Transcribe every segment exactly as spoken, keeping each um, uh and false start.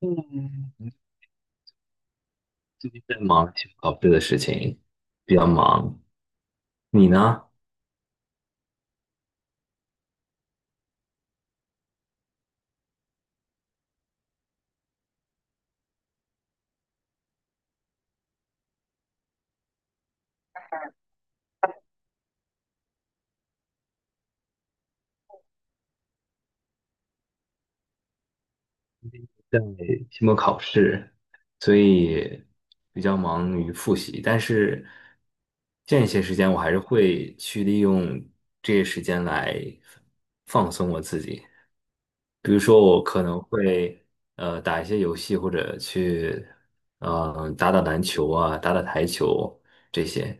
嗯，最近在忙期末考试的事情，比较忙。你呢？期末考试，所以比较忙于复习。但是间歇时间，我还是会去利用这些时间来放松我自己。比如说，我可能会呃打一些游戏，或者去呃打打篮球啊，打打台球这些。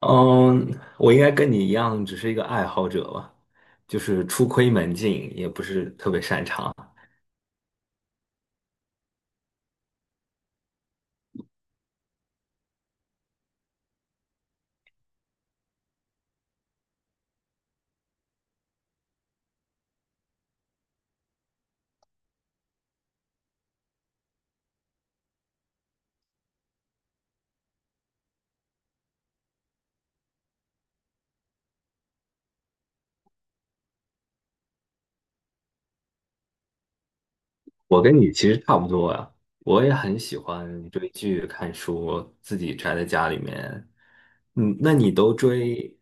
嗯，我应该跟你一样，只是一个爱好者吧，就是初窥门径，也不是特别擅长。我跟你其实差不多呀，我也很喜欢追剧、看书，自己宅在家里面。嗯，那你都追？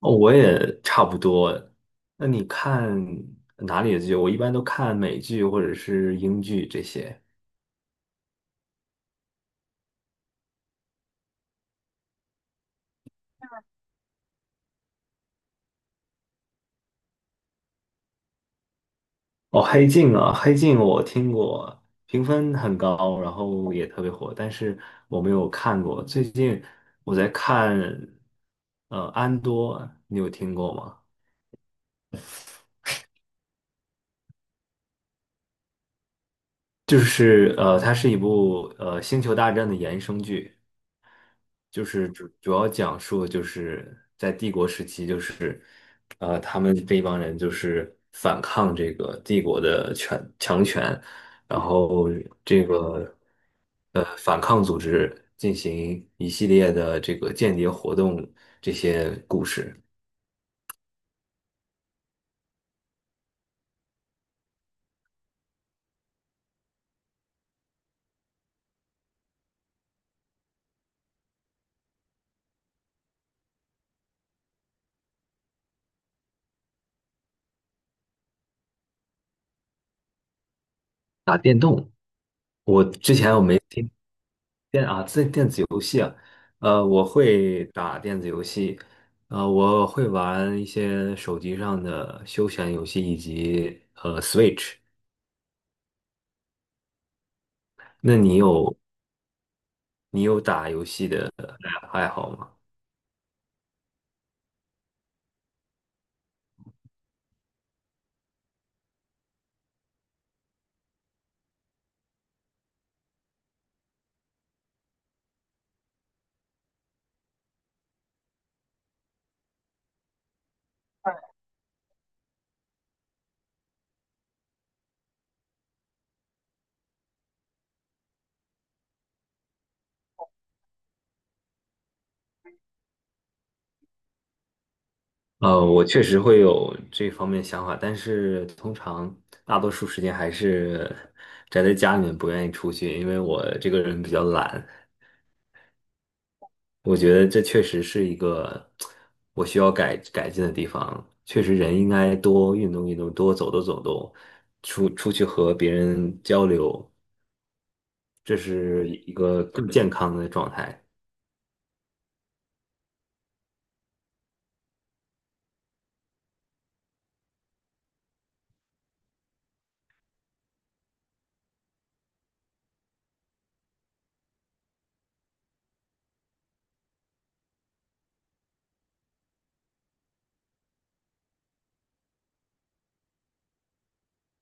哦，我也差不多啊。那你看哪里的剧？我一般都看美剧或者是英剧这些。哦，黑镜啊，黑镜我听过，评分很高，然后也特别火，但是我没有看过。最近我在看，呃，安多，你有听过吗？就是呃，它是一部呃《星球大战》的衍生剧。就是主主要讲述就是在帝国时期，就是呃，他们这一帮人就是反抗这个帝国的权强权，然后这个呃反抗组织进行一系列的这个间谍活动这些故事。打电动，我之前我没听，呃，我会打电子游戏，呃，我会玩一些手机上的休闲游戏以及呃 Switch。那你有你有打游戏的爱好吗？呃，我确实会有这方面想法，但是通常大多数时间还是宅在家里面，不愿意出去，因为我这个人比较懒。我觉得这确实是一个我需要改改进的地方。确实，人应该多运动运动，多走动走动，出出去和别人交流，这是一个更健康的状态。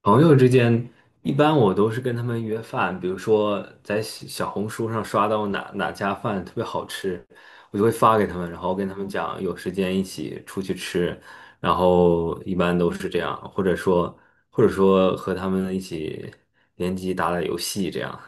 朋友之间，一般我都是跟他们约饭，比如说在小小红书上刷到哪哪家饭特别好吃，我就会发给他们，然后跟他们讲有时间一起出去吃，然后一般都是这样，或者说或者说和他们一起联机打打游戏这样。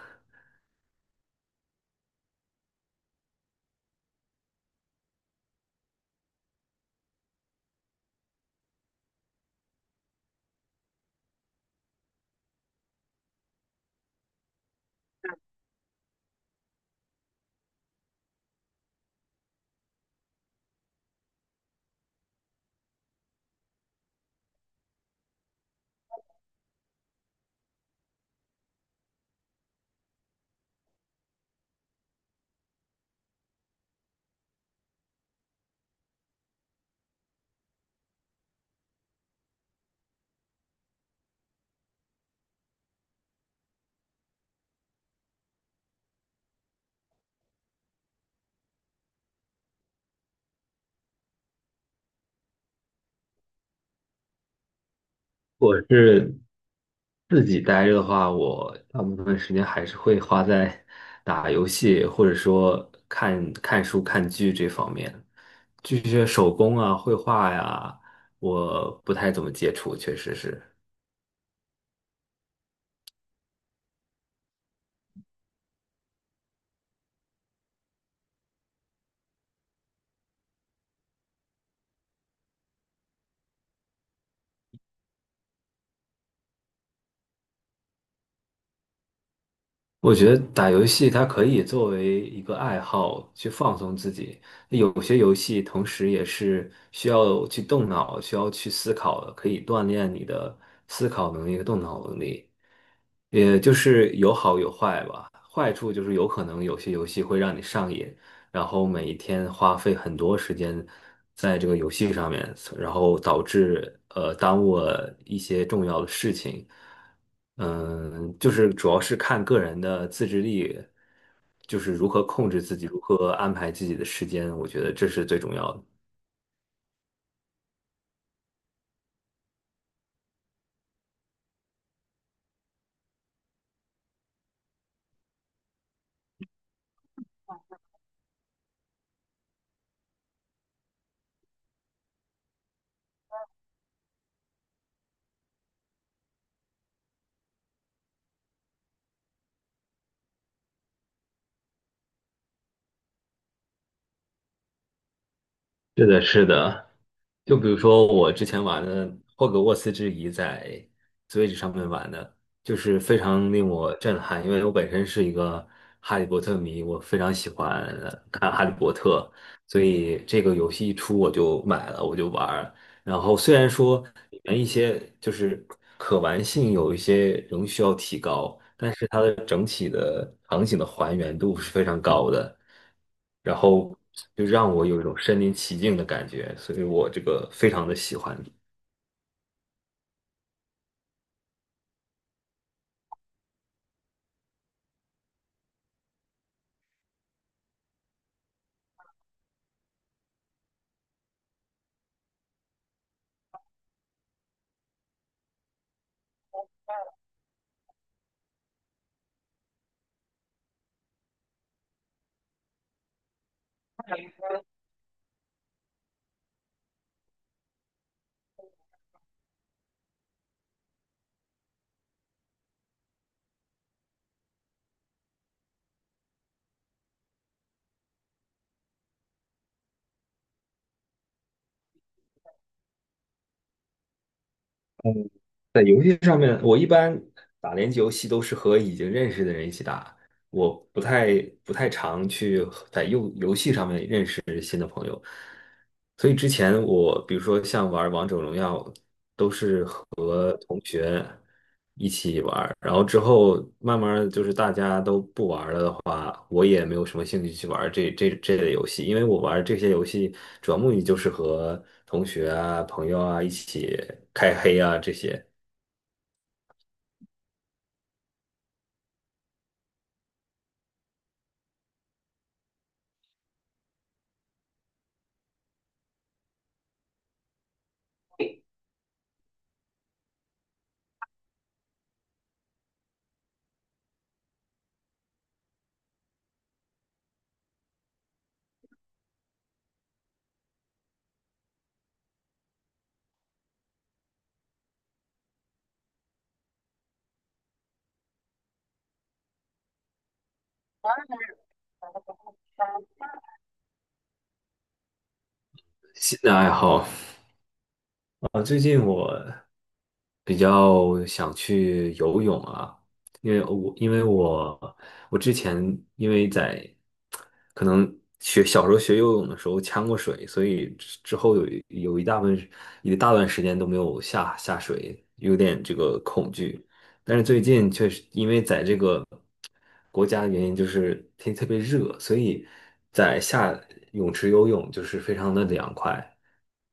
我是自己待着的话，我大部分时间还是会花在打游戏，或者说看看书、看剧这方面。这些手工啊、绘画呀，我不太怎么接触，确实是。我觉得打游戏它可以作为一个爱好去放松自己，有些游戏同时也是需要去动脑、需要去思考的，可以锻炼你的思考能力和动脑能力。也就是有好有坏吧，坏处就是有可能有些游戏会让你上瘾，然后每一天花费很多时间在这个游戏上面，然后导致呃耽误了一些重要的事情。嗯，就是主要是看个人的自制力，就是如何控制自己，如何安排自己的时间，我觉得这是最重要的。是的，是的。就比如说我之前玩的《霍格沃茨之遗》在 Switch 上面玩的，就是非常令我震撼，因为我本身是一个哈利波特迷，我非常喜欢呃看哈利波特，所以这个游戏一出我就买了，我就玩儿。然后虽然说里面一些就是可玩性有一些仍需要提高，场景的还原度是非常高的，然后就让我有一种身临其境的感觉，所以我这个非常的喜欢。在游戏上面，我一般打联机游戏都是和已经认识的人一起打，我不太不太常去和在游游戏上面认识新的朋友。所以之前我比如说像玩王者荣耀一起玩，然后之后慢慢地就是大家都不玩了的话，我也没有什么兴趣去玩这这这类游戏，因为我玩这些游戏主要目的就是和同学啊、朋友啊一起开黑啊这些新的爱好。啊，最近我比较想去游泳啊，因为我因为我我之前因为在可能学小时候学游泳的时候呛过水，所以之之后有一有一大部分一大段时间都没有下下水，有点这个恐惧。但是最近确实因为在这个国家的原因，就是天气特别热，所以在下泳池游泳就是非常的凉快。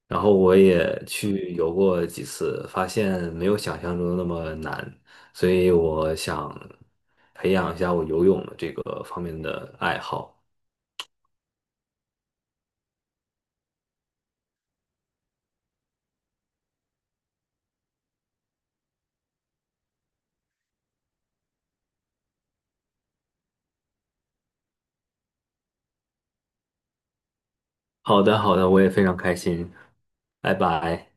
然后我也去游过几次，发现没有想象中的那么难，所以我想培养一下我游泳的这个方面的爱好。好的，好的，我也非常开心，拜拜。